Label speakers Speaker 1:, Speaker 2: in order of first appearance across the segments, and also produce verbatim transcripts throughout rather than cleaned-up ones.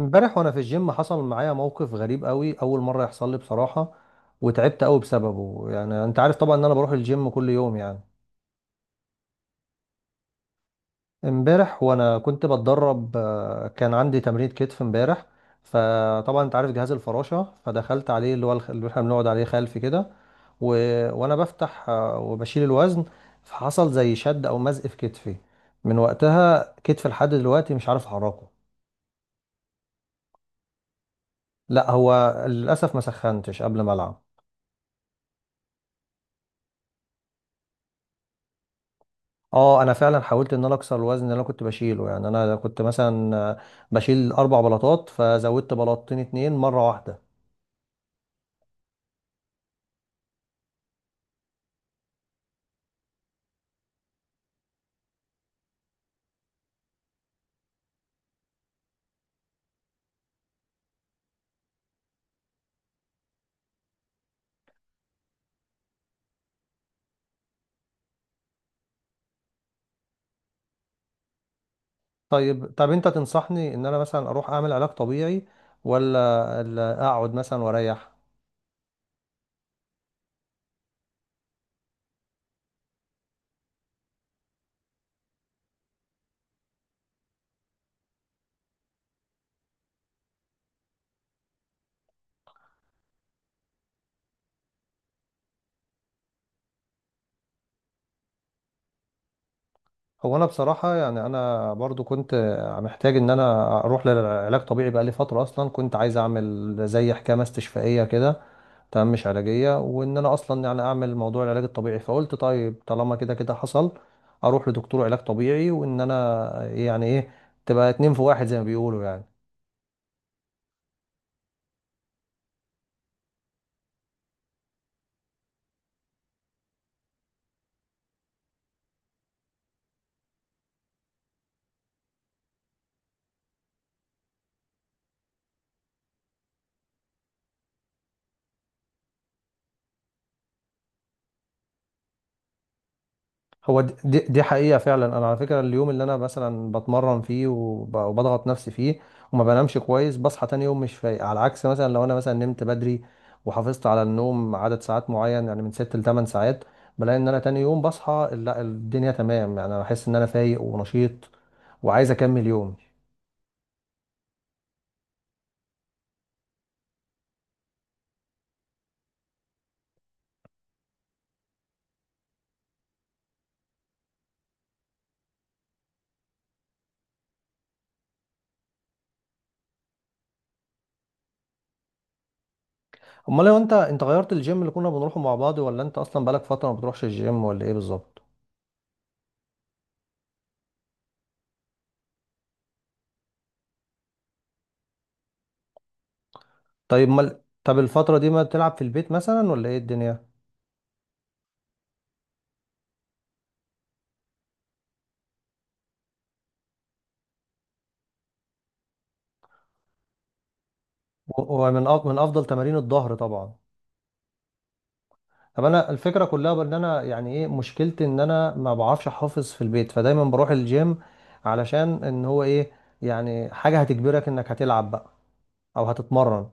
Speaker 1: امبارح وانا في الجيم حصل معايا موقف غريب قوي، اول مره يحصل لي بصراحه. وتعبت قوي بسببه، يعني انت عارف طبعا ان انا بروح الجيم كل يوم يعني. امبارح وانا كنت بتدرب، آه، كان عندي تمرين كتف امبارح. فطبعا انت عارف جهاز الفراشه، فدخلت عليه اللي هو الخ- اللي احنا بنقعد عليه خلفي كده و... وانا بفتح آه، وبشيل الوزن. فحصل زي شد او مزق في كتفي، من وقتها كتفي لحد دلوقتي مش عارف احركه. لا هو للاسف ما سخنتش قبل ما العب. اه انا فعلا حاولت ان انا اكسر الوزن اللي انا كنت بشيله، يعني انا كنت مثلا آه، بشيل اربع بلاطات، فزودت بلاطتين اتنين مره واحده. طيب طب انت تنصحني ان انا مثلا اروح اعمل علاج طبيعي، ولا ولا اقعد مثلا واريح؟ هو انا بصراحه يعني انا برضو كنت محتاج ان انا اروح للعلاج طبيعي بقالي فتره، اصلا كنت عايز اعمل زي حكامه استشفائيه كده، تمام، مش علاجية، وان انا اصلا يعني اعمل موضوع العلاج الطبيعي. فقلت طيب طالما كده كده حصل اروح لدكتور علاج طبيعي، وان انا يعني ايه، تبقى اتنين في واحد زي ما بيقولوا يعني. هو دي, دي دي حقيقة، فعلا انا على فكرة اليوم اللي انا مثلا بتمرن فيه وب- وبضغط نفسي فيه وما بنامش كويس بصحى تاني يوم مش فايق. على عكس مثلا لو انا مثلا نمت بدري وحافظت على النوم عدد ساعات معين، يعني من ست لتمن ساعات، بلاقي ان انا تاني يوم بصحى، لا الدنيا تمام، يعني انا بحس ان انا فايق ونشيط وعايز اكمل يومي. امال لو انت انت غيرت الجيم اللي كنا بنروحه مع بعض، ولا انت اصلا بقالك فتره ما بتروحش الجيم، ولا ايه بالظبط؟ طيب امال طب الفتره دي ما تلعب في البيت مثلا، ولا ايه الدنيا؟ و- ومن أف- من افضل تمارين الظهر طبعا. طب انا الفكره كلها بان انا يعني ايه، مشكلتي ان انا ما بعرفش احافظ في البيت، فدايما بروح الجيم علشان ان هو ايه، يعني حاجه هتجبرك انك هتلعب بقى او هتتمرن.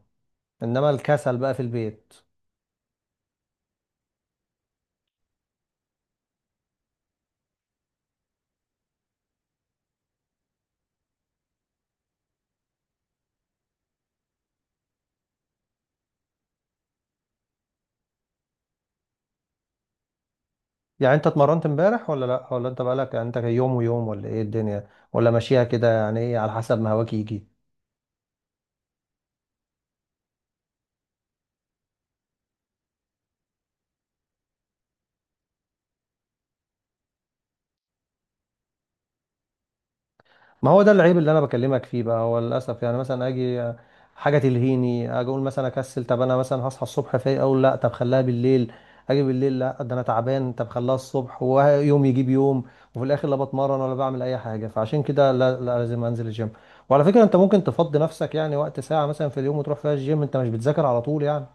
Speaker 1: انما الكسل بقى في البيت. يعني انت اتمرنت امبارح ولا لا، ولا انت بقالك يعني انت يوم ويوم، ولا ايه الدنيا، ولا ماشيها كده يعني ايه على حسب ما هواك يجي؟ ما هو ده العيب اللي انا بكلمك فيه بقى، هو للاسف يعني مثلا اجي حاجه تلهيني، اجي اقول مثلا اكسل، طب انا مثلا هصحى الصبح فايق اقول لا طب خليها بالليل، اجي بالليل لا ده انا تعبان طب خليها الصبح ويوم يجيب يوم، وفي الاخر لا بتمرن ولا بعمل اي حاجه. فعشان كده لا, لا لازم انزل الجيم. وعلى فكره انت ممكن تفضي نفسك يعني وقت ساعه مثلا في اليوم وتروح فيها الجيم، انت مش بتذاكر على طول يعني.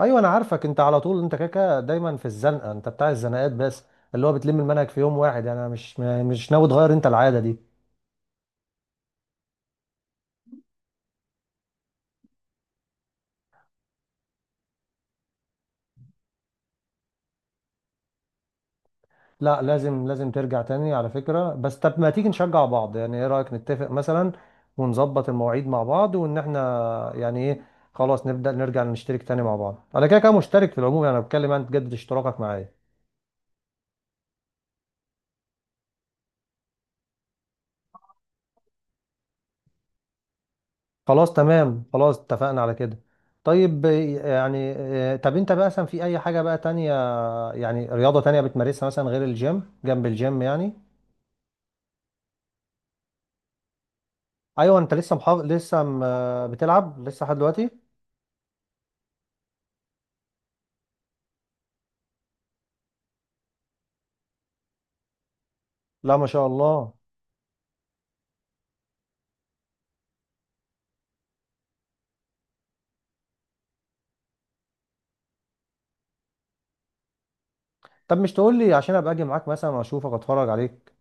Speaker 1: ايوه انا عارفك، انت على طول انت كاكا دايما في الزنقه، انت بتاع الزنقات بس، اللي هو بتلم المنهج في يوم واحد يعني. انا مش م- مش ناوي تغير انت العاده دي. لا لازم لازم ترجع تاني على فكره. بس طب ما تيجي نشجع بعض، يعني ايه رايك نتفق مثلا ونظبط المواعيد مع بعض، وان احنا يعني ايه، خلاص نبدا نرجع نشترك تاني مع بعض. انا كده كده مشترك في العموم يعني، انا بتكلم انت تجدد اشتراكك معايا. خلاص تمام، خلاص اتفقنا على كده. طيب، يعني آه، طب انت بقى مثلا في اي حاجة بقى تانية، يعني رياضة تانية بتمارسها مثلا غير الجيم جنب الجيم يعني؟ ايوه انت لسه محافظ لسه م... آه، بتلعب لسه لحد دلوقتي؟ لا ما شاء الله. طب مش تقول لي عشان ابقى اجي معاك مثلا واشوفك اتفرج عليك.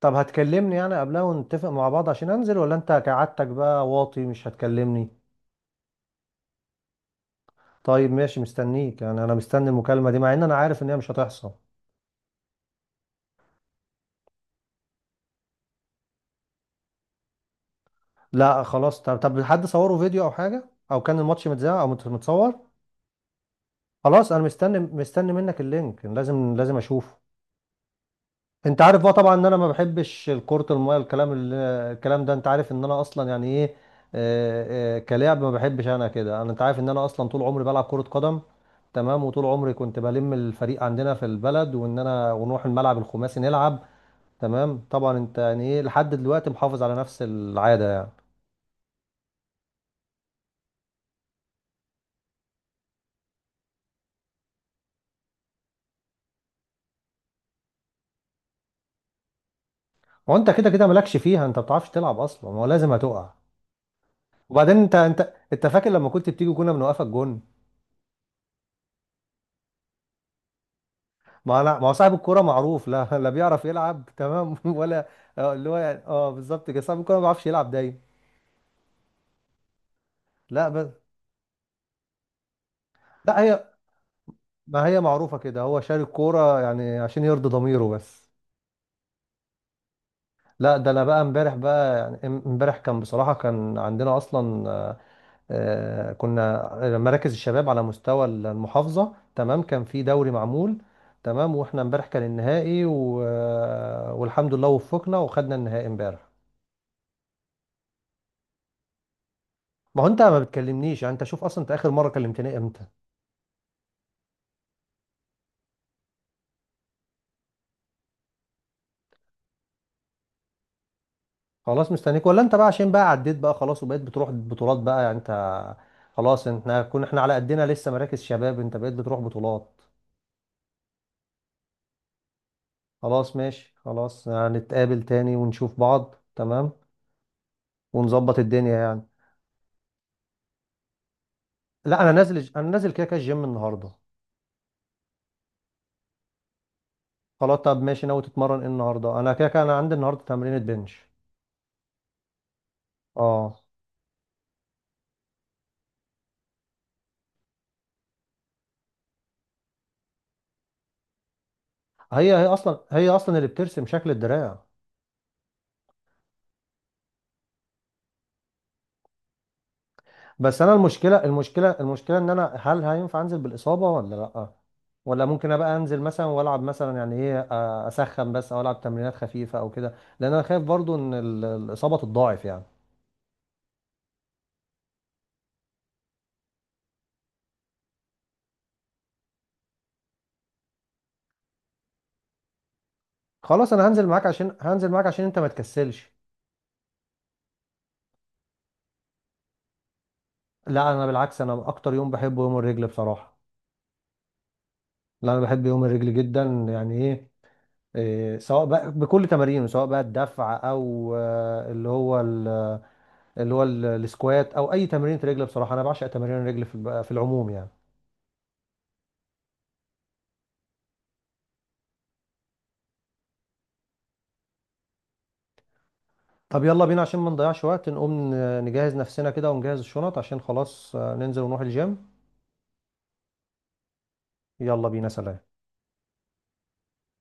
Speaker 1: طب هتكلمني يعني قبلها ونتفق مع بعض عشان انزل، ولا انت كعادتك بقى واطي مش هتكلمني؟ طيب ماشي مستنيك، يعني انا مستني المكالمة دي مع ان انا عارف ان هي مش هتحصل. لا خلاص، طب طب حد صوره فيديو او حاجه، او كان الماتش متذاع او مت- متصور؟ خلاص انا مستني مستني منك اللينك، لازم لازم اشوفه. انت عارف بقى طبعا ان انا ما بحبش الكرة المايه، الكلام ال- الكلام ده انت عارف ان انا اصلا يعني ايه، آه، آه، كلاعب ما بحبش انا كده. انا انت عارف ان انا اصلا طول عمري بلعب كرة قدم، تمام، وطول عمري كنت بلم الفريق عندنا في البلد وان انا ونروح الملعب الخماسي نلعب، تمام، طبعا انت يعني ايه لحد دلوقتي محافظ على نفس العادة. هو انت كده كده مالكش فيها، انت ما بتعرفش تلعب اصلا، ما هو لازم هتقع. وبعدين انت انت انت فاكر لما كنت بتيجي كنا بنوقفك جون؟ ما انا ما هو صاحب الكوره معروف، لا لا بيعرف يلعب تمام ولا؟ اه، اللي هو يعني اه بالظبط كده، صاحب الكوره ما بيعرفش يلعب دايما. لا بس. لا هي، ما هي معروفه كده، هو شاري الكوره يعني عشان يرضي ضميره بس. لا ده انا بقى امبارح بقى، يعني امبارح كان بصراحه كان عندنا اصلا آه، كنا مراكز الشباب على مستوى المحافظة، تمام، كان في دوري معمول، تمام، واحنا امبارح كان النهائي و... آه، والحمد لله وفقنا وخدنا النهائي امبارح. ما هو انت ما بتكلمنيش يعني، انت شوف اصلا انت اخر مرة كلمتني امتى. خلاص مستنيك، ولا انت بقى عشان بقى عديت بقى خلاص وبقيت بتروح بطولات بقى يعني انت؟ خلاص احنا كنا احنا على قدنا لسه مراكز شباب، انت بقيت بتروح بطولات. خلاص ماشي، خلاص هنتقابل تاني ونشوف بعض تمام ونظبط الدنيا يعني. لا انا نازل، انا نازل كده كده الجيم النهارده. خلاص طب ماشي، ناوي تتمرن ايه النهارده؟ انا كده كده انا عندي النهارده تمرينة بنش. اه. هي هي اصلا هي اصلا اللي بترسم شكل الدراع. بس انا المشكله المشكله المشكله ان انا هل هينفع انزل بالاصابه ولا لا، ولا ممكن ابقى انزل مثلا والعب مثلا يعني ايه آه، اسخن بس او العب تمرينات خفيفه او كده، لان انا خايف برضو ان ال- الاصابه تتضاعف يعني؟ خلاص انا هنزل معاك عشان هنزل معاك عشان انت ما تكسلش. لا انا بالعكس انا اكتر يوم بحبه يوم الرجل بصراحه. لا انا بحب يوم الرجل جدا، يعني ايه إيه، سواء بقى بكل تمارينه، سواء بقى الدفع او آه، اللي هو ال- اللي هو ال- السكوات او اي تمرين رجل بصراحه، انا بعشق تمارين الرجل في الب- في العموم يعني. طب يلا بينا عشان ما نضيعش وقت، نقوم ن- نجهز نفسنا كده ونجهز الشنط عشان خلاص، آه، ننزل ونروح الجيم. يلا بينا، سلام.